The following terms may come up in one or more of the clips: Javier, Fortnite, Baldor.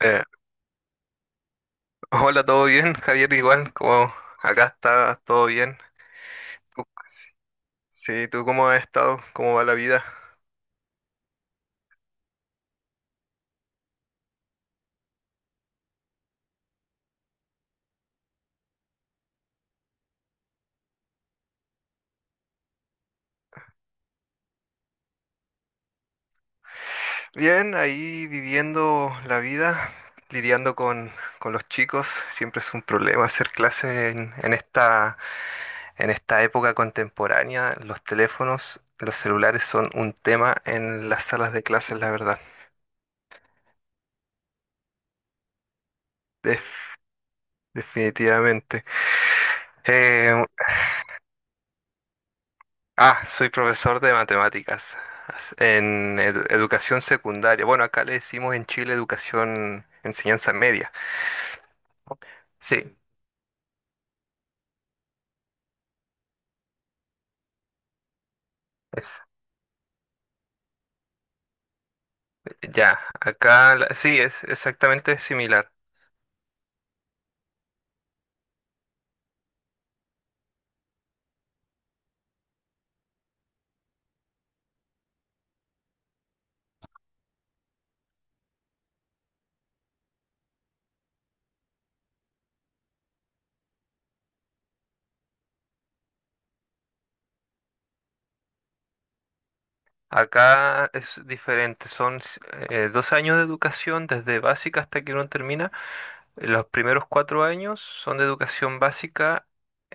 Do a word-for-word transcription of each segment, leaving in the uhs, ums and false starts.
Eh, Hola, ¿todo bien? Javier, igual, como acá está todo bien. Tú- sí, ¿tú cómo has estado? ¿Cómo va la vida? Bien, ahí viviendo la vida, lidiando con, con los chicos. Siempre es un problema hacer clases en, en esta, en esta época contemporánea. Los teléfonos, los celulares son un tema en las salas de clases, la verdad. Def- Definitivamente. Eh, Ah, soy profesor de matemáticas as- en edu- educación secundaria. Bueno, acá le decimos en Chile educación, enseñanza media. Sí, es, ya, acá la- sí, es exactamente similar. Acá es diferente, son s- eh, dos años de educación desde básica hasta que uno termina. Los primeros cuatro años son de educación básica,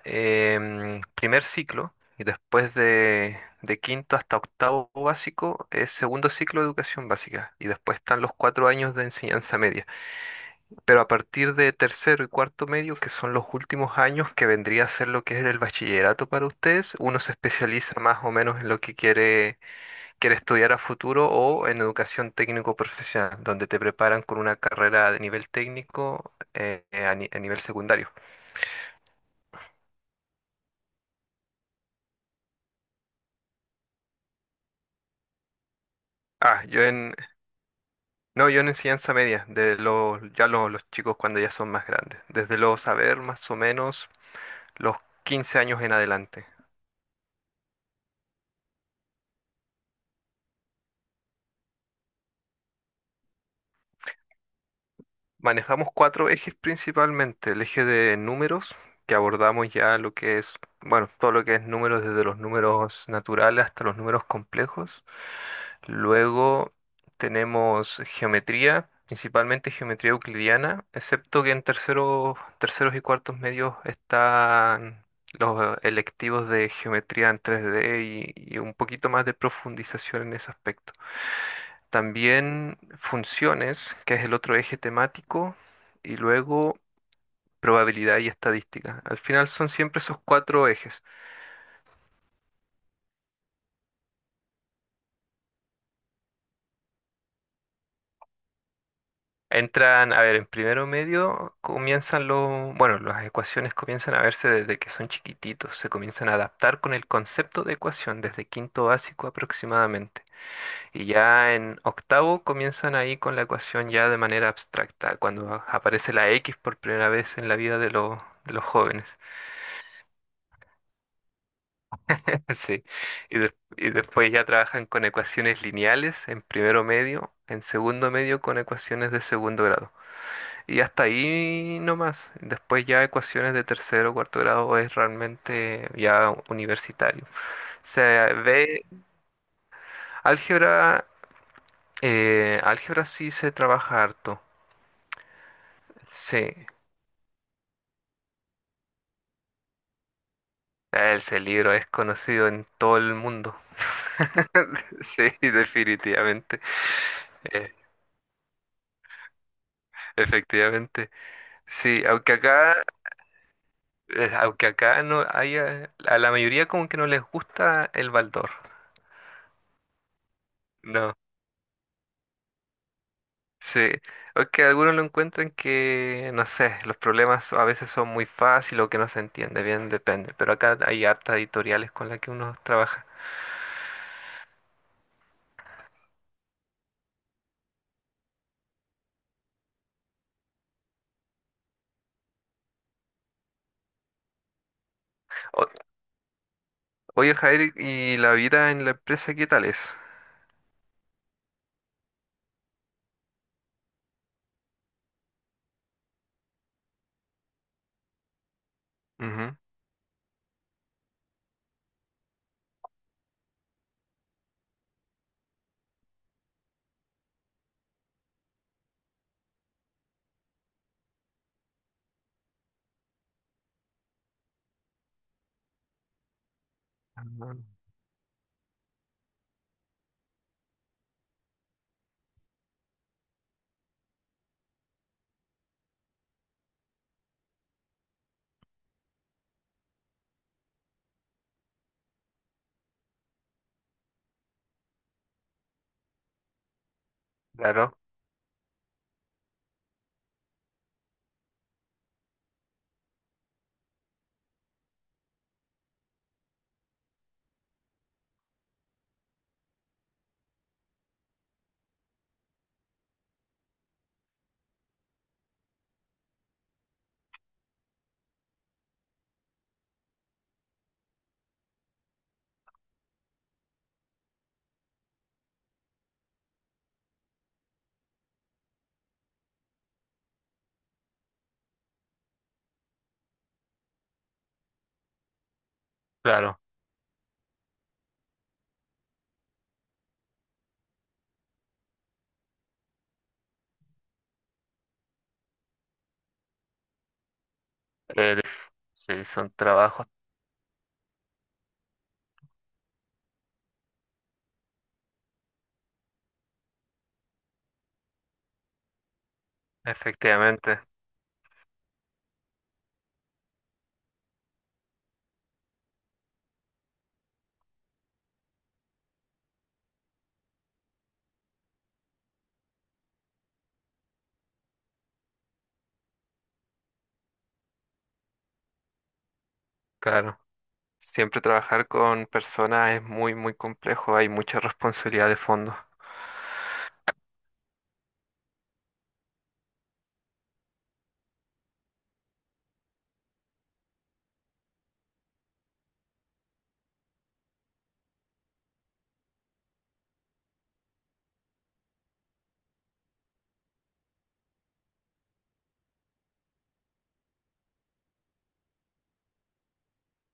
em, primer ciclo, y después de, de quinto hasta octavo básico es segundo ciclo de educación básica, y después están los cuatro años de enseñanza media. Pero a partir de tercero y cuarto medio, que son los últimos años que vendría a ser lo que es el bachillerato para ustedes, uno se especializa más o menos en lo que quiere quieres estudiar a futuro o en educación técnico-profesional, donde te preparan con una carrera de nivel técnico eh, eh, a, ni- a nivel secundario. Ah, yo en, no, Yo en enseñanza media, de los, ya los, los chicos cuando ya son más grandes, desde los saber más o menos los quince años en adelante. Manejamos cuatro ejes principalmente, el eje de números, que abordamos ya lo que es, bueno, todo lo que es números, desde los números naturales hasta los números complejos. Luego tenemos geometría, principalmente geometría euclidiana, excepto que en terceros, terceros y cuartos medios están los electivos de geometría en tres D y, y un poquito más de profundización en ese aspecto. También funciones, que es el otro eje temático, y luego probabilidad y estadística. Al final son siempre esos cuatro ejes. Entran, a ver, en primero medio comienzan los, bueno, las ecuaciones comienzan a verse desde que son chiquititos, se comienzan a adaptar con el concepto de ecuación desde quinto básico aproximadamente. Y ya en octavo comienzan ahí con la ecuación ya de manera abstracta, cuando a- aparece la X por primera vez en la vida de los, de los jóvenes. Sí. Y, des- y después ya trabajan con ecuaciones lineales en primero medio, en segundo medio con ecuaciones de segundo grado. Y hasta ahí nomás. Después ya ecuaciones de tercero o cuarto grado es realmente ya universitario. Se ve álgebra, eh, álgebra sí se trabaja harto. Sí. Ese libro es conocido en todo el mundo. Sí, definitivamente. Eh, Efectivamente. Sí, aunque acá, eh, aunque acá no haya, a la mayoría como que no les gusta el Baldor. No. Sí, o que algunos lo encuentran que, no sé, los problemas a veces son muy fáciles o que no se entiende, bien depende, pero acá hay hartas editoriales con las que uno trabaja. O- Oye, Jair, ¿y la vida en la empresa qué tal es? Ujú. Ah, claro, claro. Eh, def- sí, son trabajos, efectivamente, claro. Siempre trabajar con personas es muy, muy complejo, hay mucha responsabilidad de fondo.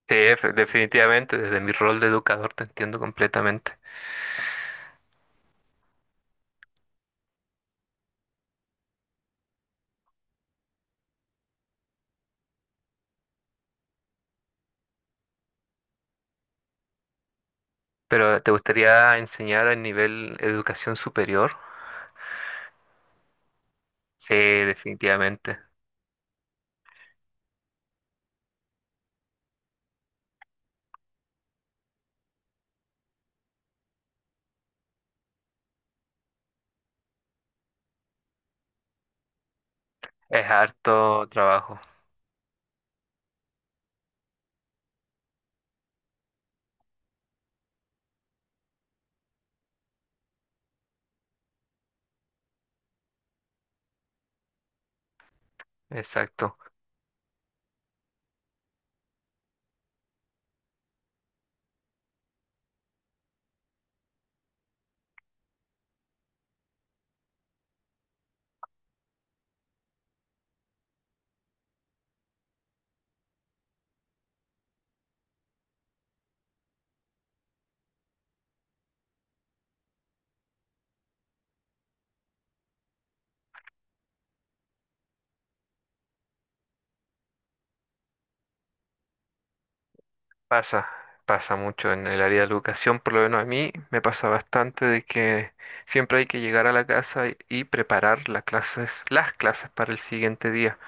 Sí, efe- definitivamente, desde mi rol de educador te entiendo completamente. Pero ¿te gustaría enseñar a nivel educación superior? Sí, definitivamente. Es harto trabajo. Exacto. Pasa, pasa mucho en el área de la educación, por lo menos a mí me pasa bastante de que siempre hay que llegar a la casa y, y preparar las clases, las clases para el siguiente día.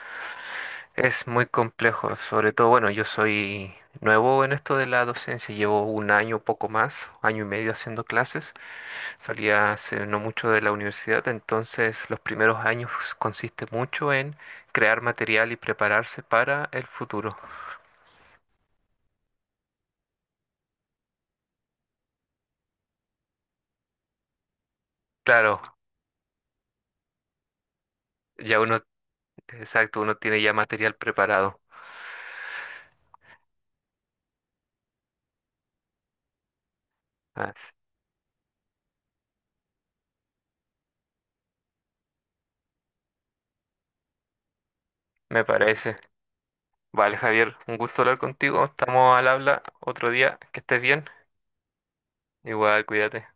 Es muy complejo, sobre todo, bueno, yo soy nuevo en esto de la docencia, llevo un año, poco más, año y medio haciendo clases. Salía hace no mucho de la universidad, entonces los primeros años consiste mucho en crear material y prepararse para el futuro. Claro, ya uno, exacto, uno tiene ya material preparado. Así- Me parece. Vale, Javier, un gusto hablar contigo. Estamos al habla otro día. Que estés bien. Igual, cuídate.